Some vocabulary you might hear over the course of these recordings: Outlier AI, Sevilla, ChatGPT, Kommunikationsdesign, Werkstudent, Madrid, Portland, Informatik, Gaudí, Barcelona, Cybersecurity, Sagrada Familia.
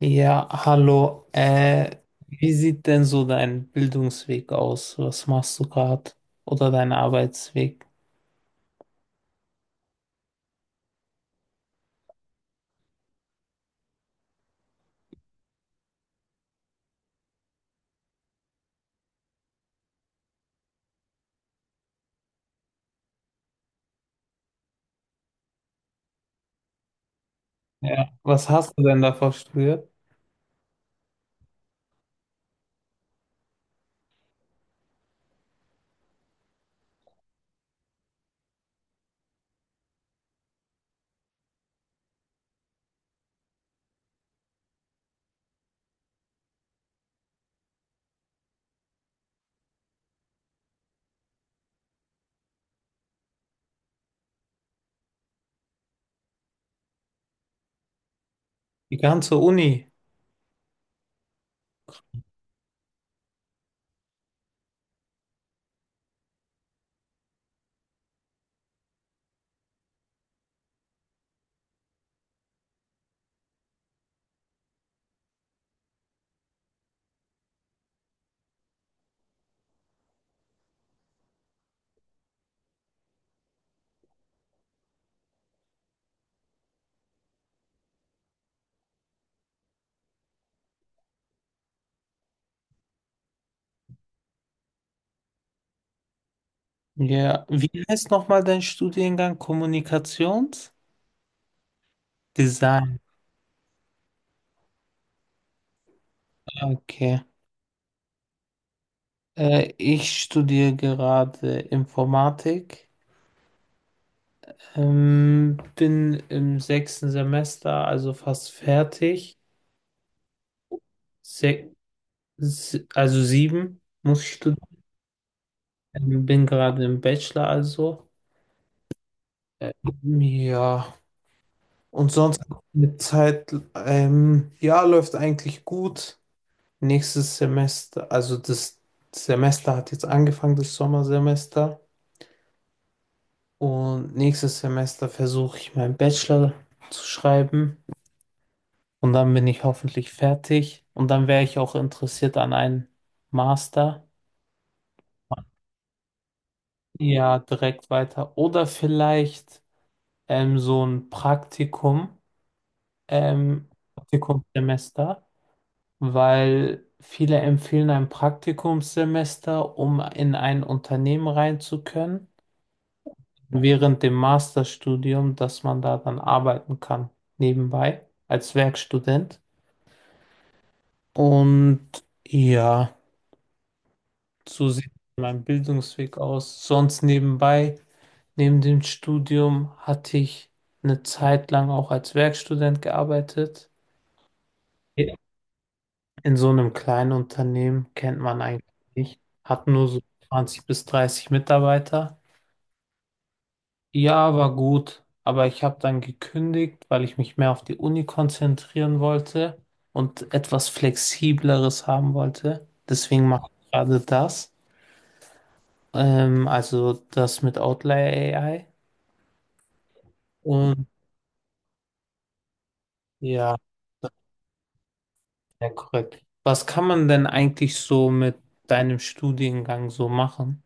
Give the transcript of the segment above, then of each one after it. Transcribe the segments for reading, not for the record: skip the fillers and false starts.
Ja, hallo. Wie sieht denn so dein Bildungsweg aus? Was machst du gerade? Oder dein Arbeitsweg? Ja, was hast du denn davor studiert? Die ganze Uni. Ja, wie heißt nochmal dein Studiengang? Kommunikationsdesign. Okay. Ich studiere gerade Informatik. Bin im sechsten Semester, also fast fertig. Se se also sieben muss ich studieren. Bin gerade im Bachelor also. Ja, und sonst eine Zeit, ja, läuft eigentlich gut. Nächstes Semester, also das Semester hat jetzt angefangen, das Sommersemester. Und nächstes Semester versuche ich meinen Bachelor zu schreiben. Und dann bin ich hoffentlich fertig. Und dann wäre ich auch interessiert an einem Master. Ja, direkt weiter. Oder vielleicht so ein Praktikum. ähm, Praktikumssemester, weil viele empfehlen ein Praktikumssemester, um in ein Unternehmen rein zu können, während dem Masterstudium, dass man da dann arbeiten kann, nebenbei als Werkstudent. Und ja, so sieht mein Bildungsweg aus. Sonst nebenbei, neben dem Studium, hatte ich eine Zeit lang auch als Werkstudent gearbeitet. In so einem kleinen Unternehmen kennt man eigentlich nicht. Hat nur so 20 bis 30 Mitarbeiter. Ja, war gut. Aber ich habe dann gekündigt, weil ich mich mehr auf die Uni konzentrieren wollte und etwas Flexibleres haben wollte. Deswegen mache ich gerade das. Also das mit Outlier AI. Und ja, das ist sehr korrekt. Was kann man denn eigentlich so mit deinem Studiengang so machen?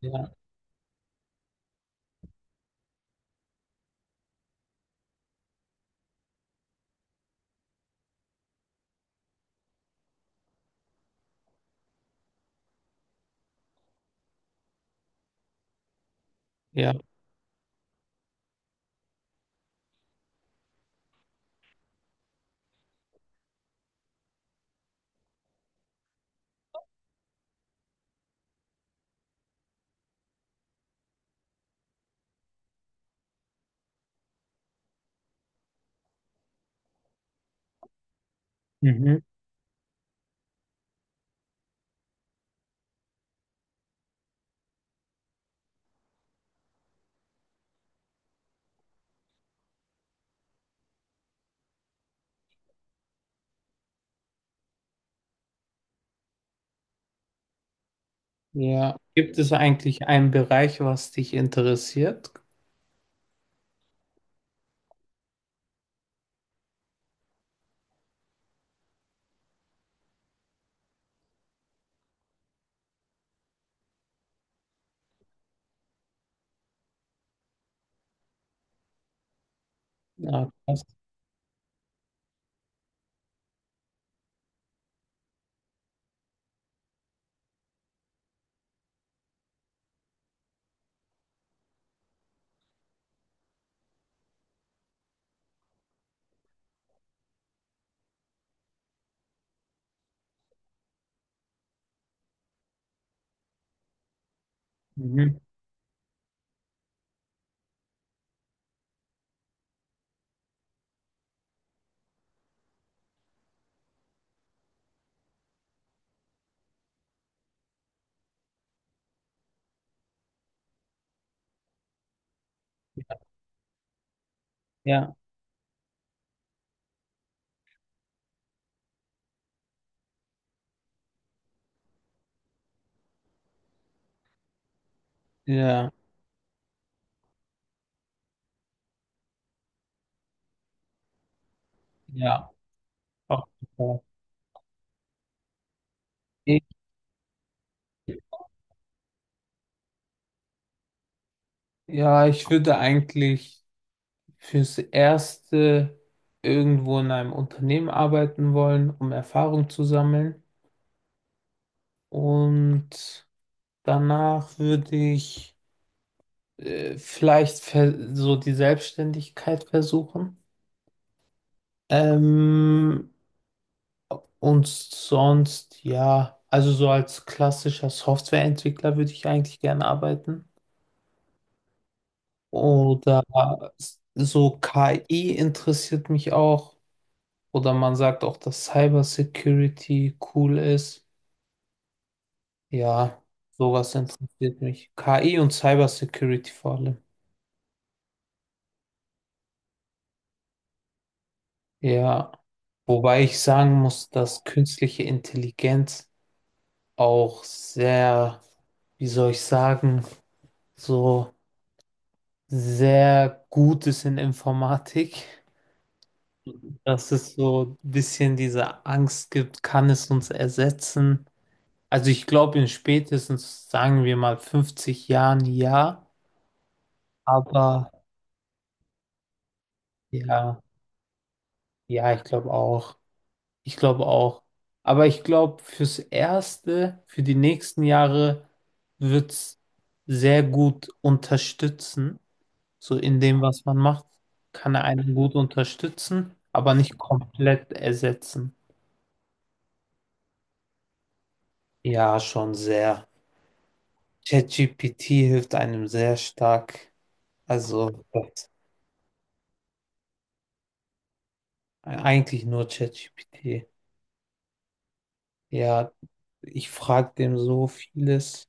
Ja, ja. Mhm. Ja. Gibt es eigentlich einen Bereich, was dich interessiert? Ja, krass. Mhm. Ja, ja, ja. Auf jeden Fall. Ich, ja, ich würde eigentlich fürs Erste irgendwo in einem Unternehmen arbeiten wollen, um Erfahrung zu sammeln. Und danach würde ich vielleicht so die Selbstständigkeit versuchen. Ähm, Und sonst, ja, also so als klassischer Softwareentwickler würde ich eigentlich gerne arbeiten. Oder so KI interessiert mich auch. Oder man sagt auch, dass Cybersecurity cool ist. Ja, sowas interessiert mich. KI und Cybersecurity vor allem. Ja, wobei ich sagen muss, dass künstliche Intelligenz auch sehr, wie soll ich sagen, so sehr gut ist in Informatik. Mhm. Dass es so ein bisschen diese Angst gibt, kann es uns ersetzen? Also ich glaube in spätestens, sagen wir mal, 50 Jahren ja, aber ja, ja, ich glaube auch. Ich glaube auch. Aber ich glaube, fürs Erste, für die nächsten Jahre wird es sehr gut unterstützen. So in dem, was man macht, kann er einen gut unterstützen, aber nicht komplett ersetzen. Ja, schon sehr. ChatGPT hilft einem sehr stark. Also das, eigentlich nur ChatGPT. Ja, ich frage dem so vieles.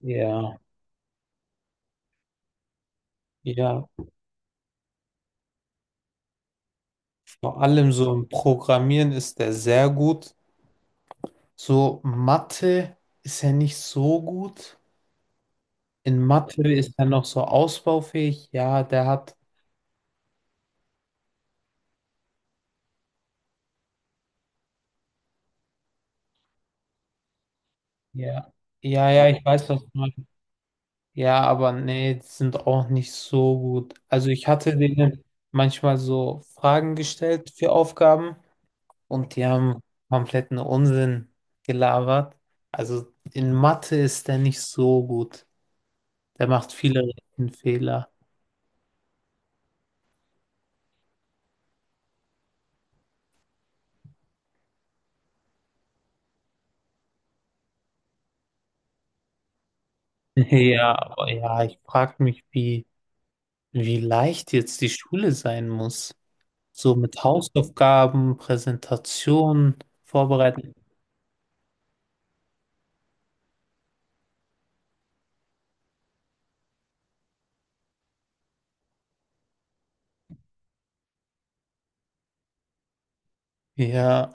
Ja, ja, vor allem so im Programmieren ist er sehr gut. So Mathe ist er nicht so gut. In Mathe ist er noch so ausbaufähig. Ja, der hat. Ja. Ja, ich weiß, was du meinst. Ja, aber nee, die sind auch nicht so gut. Also ich hatte denen manchmal so Fragen gestellt für Aufgaben und die haben kompletten Unsinn gelabert. Also in Mathe ist der nicht so gut. Der macht viele Fehler. Ja, aber ja, ich frage mich, wie, wie leicht jetzt die Schule sein muss. So mit Hausaufgaben, Präsentationen vorbereiten. Ja,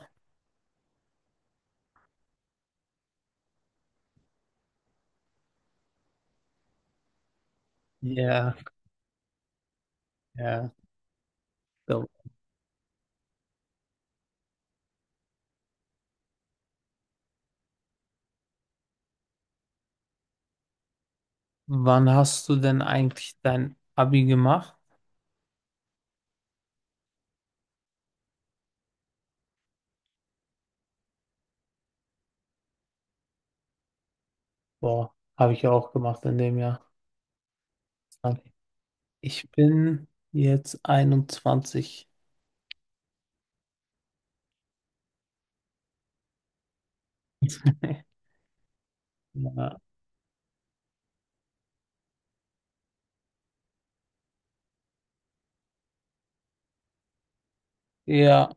ja. Ja. So. Wann hast du denn eigentlich dein Abi gemacht? Boah, habe ich ja auch gemacht in dem Jahr. Ich bin jetzt 21. Ja, ja,